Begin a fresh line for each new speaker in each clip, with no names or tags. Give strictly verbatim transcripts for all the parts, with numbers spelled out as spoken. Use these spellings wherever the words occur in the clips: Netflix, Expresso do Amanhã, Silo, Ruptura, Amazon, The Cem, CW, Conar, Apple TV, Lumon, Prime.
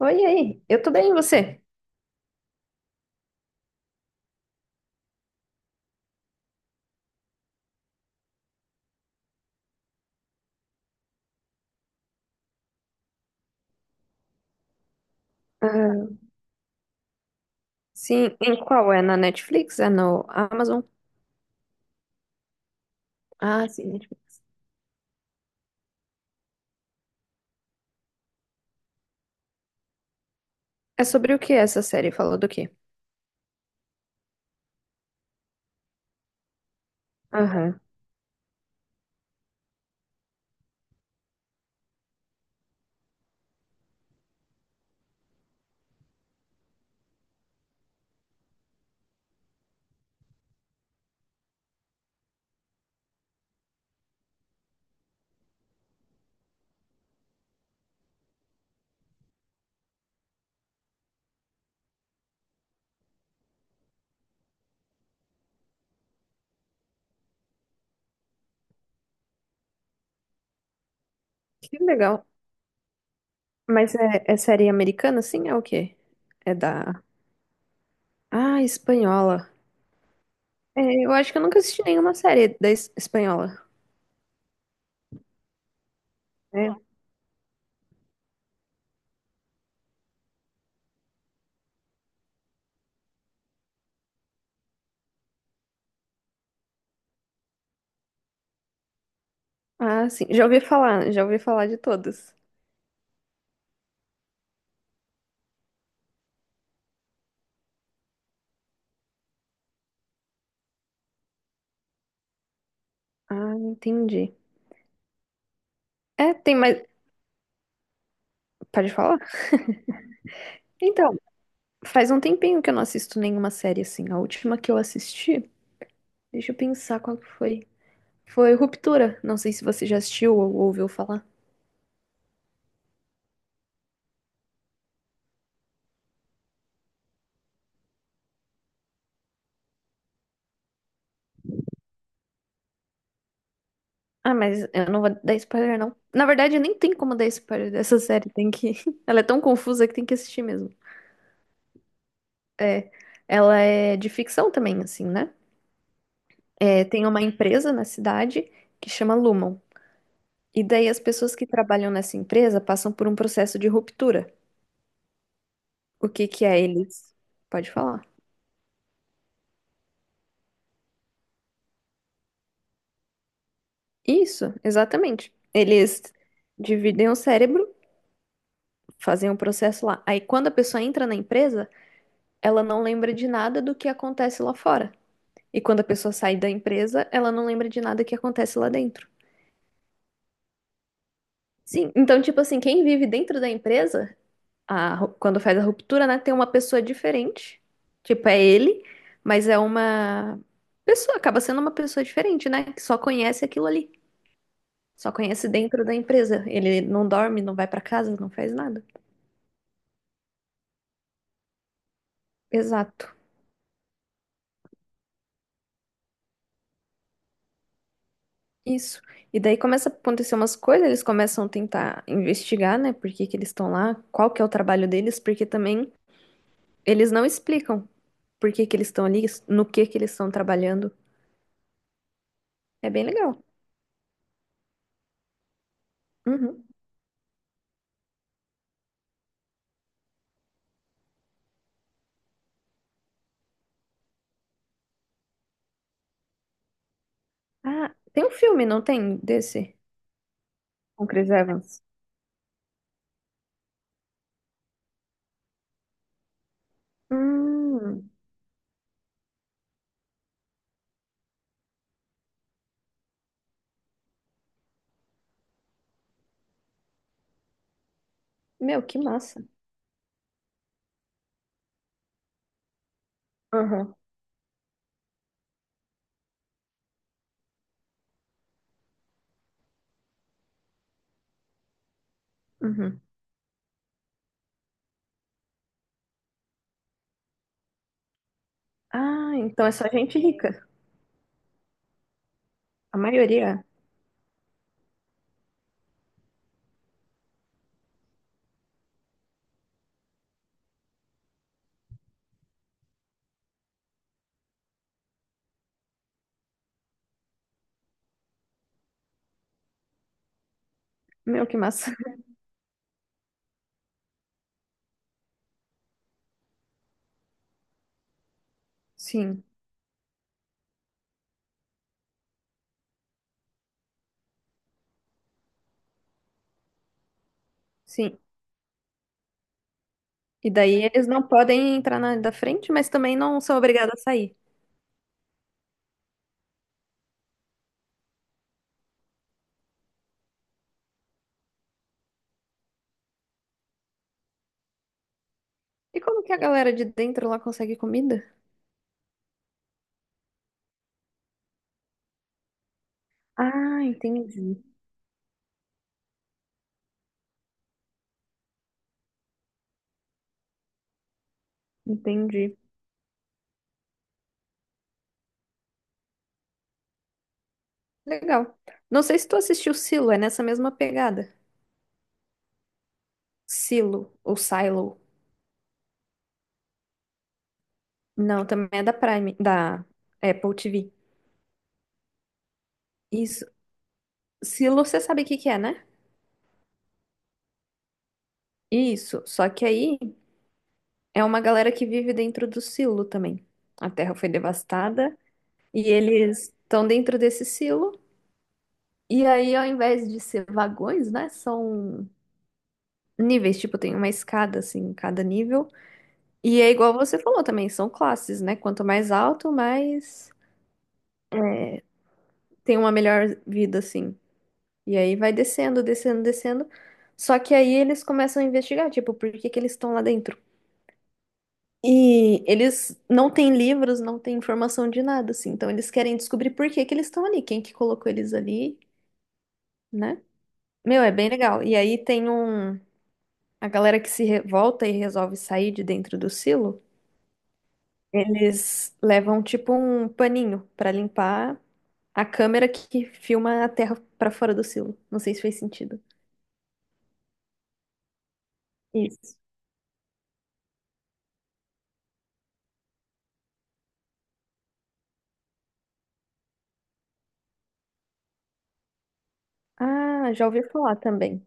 Oi, e aí, eu tô bem, e você? Ah, sim, em qual? É na Netflix? É no Amazon? Ah, sim, Netflix. É sobre o que essa série? Falou do quê? Aham. Que legal. Mas é, é série americana, sim? É o quê? É da... Ah, espanhola. É, eu acho que eu nunca assisti nenhuma série da es- espanhola. É. Ah, sim, já ouvi falar, já ouvi falar de todas. Ah, entendi. É, tem mais... Pode falar? Então, faz um tempinho que eu não assisto nenhuma série assim. A última que eu assisti... Deixa eu pensar qual que foi. Foi Ruptura. Não sei se você já assistiu ou ouviu falar. Ah, mas eu não vou dar spoiler, não. Na verdade, eu nem tem como dar spoiler dessa série. Tem que. Ela é tão confusa que tem que assistir mesmo. É. Ela é de ficção também, assim, né? É, tem uma empresa na cidade que chama Lumon. E daí as pessoas que trabalham nessa empresa passam por um processo de ruptura. O que que é eles? Pode falar. Isso, exatamente. Eles dividem o cérebro. Fazem um processo lá. Aí quando a pessoa entra na empresa, ela não lembra de nada do que acontece lá fora. E quando a pessoa sai da empresa, ela não lembra de nada que acontece lá dentro. Sim, então tipo assim, quem vive dentro da empresa, a quando faz a ruptura, né, tem uma pessoa diferente. Tipo, é ele, mas é uma pessoa, acaba sendo uma pessoa diferente, né, que só conhece aquilo ali. Só conhece dentro da empresa. Ele não dorme, não vai pra casa, não faz nada. Exato. Isso. E daí começa a acontecer umas coisas, eles começam a tentar investigar, né? Por que que eles estão lá, qual que é o trabalho deles, porque também eles não explicam por que que eles estão ali, no que que eles estão trabalhando. É bem legal. Uhum. Ah, tem um filme, não tem? Desse? Com Chris Evans. Hum, meu, que massa. Uhum. Uhum. Ah, então é só gente rica. A maioria. Meu, que massa. Sim, sim. E daí eles não podem entrar na da frente, mas também não são obrigados a sair. E como que a galera de dentro lá consegue comida? Ah, entendi. Entendi. Legal. Não sei se tu assistiu Silo, é nessa mesma pegada. Silo ou Silo. Não, também é da Prime, da Apple T V. Isso. Silo, você sabe o que que é, né? Isso. Só que aí é uma galera que vive dentro do silo também. A terra foi devastada e eles estão dentro desse silo. E aí, ao invés de ser vagões, né? São níveis, tipo, tem uma escada, assim, em cada nível. E é igual você falou também, são classes, né? Quanto mais alto, mais é, tem uma melhor vida, assim. E aí vai descendo, descendo, descendo. Só que aí eles começam a investigar, tipo, por que que eles estão lá dentro. E eles não têm livros, não têm informação de nada, assim. Então eles querem descobrir por que que eles estão ali, quem que colocou eles ali, né? Meu, é bem legal. E aí tem um... A galera que se revolta e resolve sair de dentro do silo, eles levam, tipo, um paninho pra limpar a câmera que filma a Terra pra fora do silo. Não sei se fez sentido. Isso. Ah, já ouvi falar também.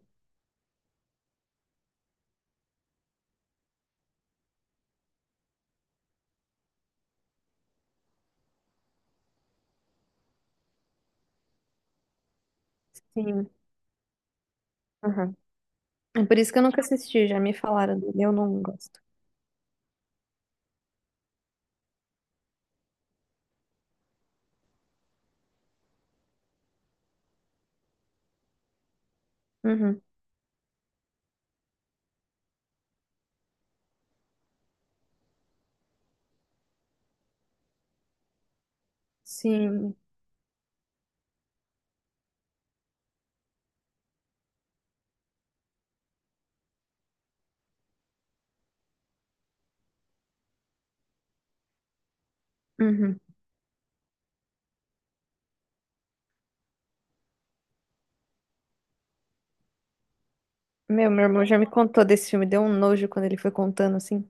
Sim. Aham. É por isso que eu nunca assisti, já me falaram dele, eu não gosto. Uhum. Sim. Uhum. Meu, meu irmão já me contou desse filme, deu um nojo quando ele foi contando assim.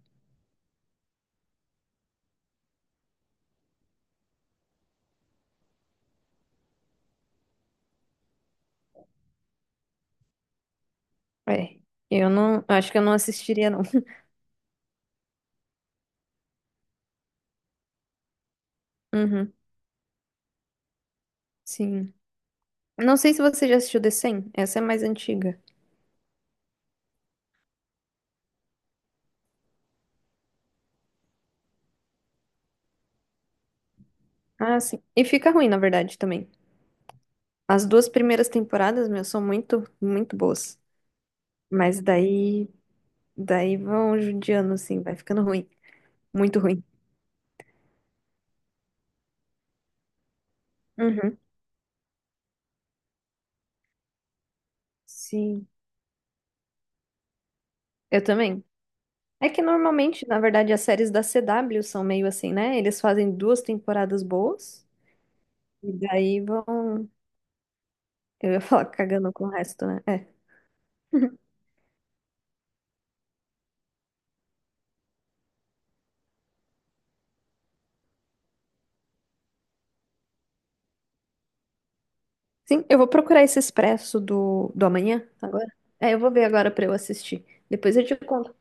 É. Eu não, acho que eu não assistiria não. Uhum. Sim. Não sei se você já assistiu The cem. Essa é mais antiga. Ah, sim. E fica ruim, na verdade, também. As duas primeiras temporadas, meu, são muito, muito boas. Mas daí, daí vão judiando, assim, vai ficando ruim. Muito ruim. Uhum. Sim, eu também. É que normalmente, na verdade, as séries da C W são meio assim, né? Eles fazem duas temporadas boas e daí vão. Eu ia falar cagando com o resto, né? É. Sim, eu vou procurar esse Expresso do, do amanhã agora. É, eu vou ver agora pra eu assistir. Depois eu te conto.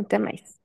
Até mais.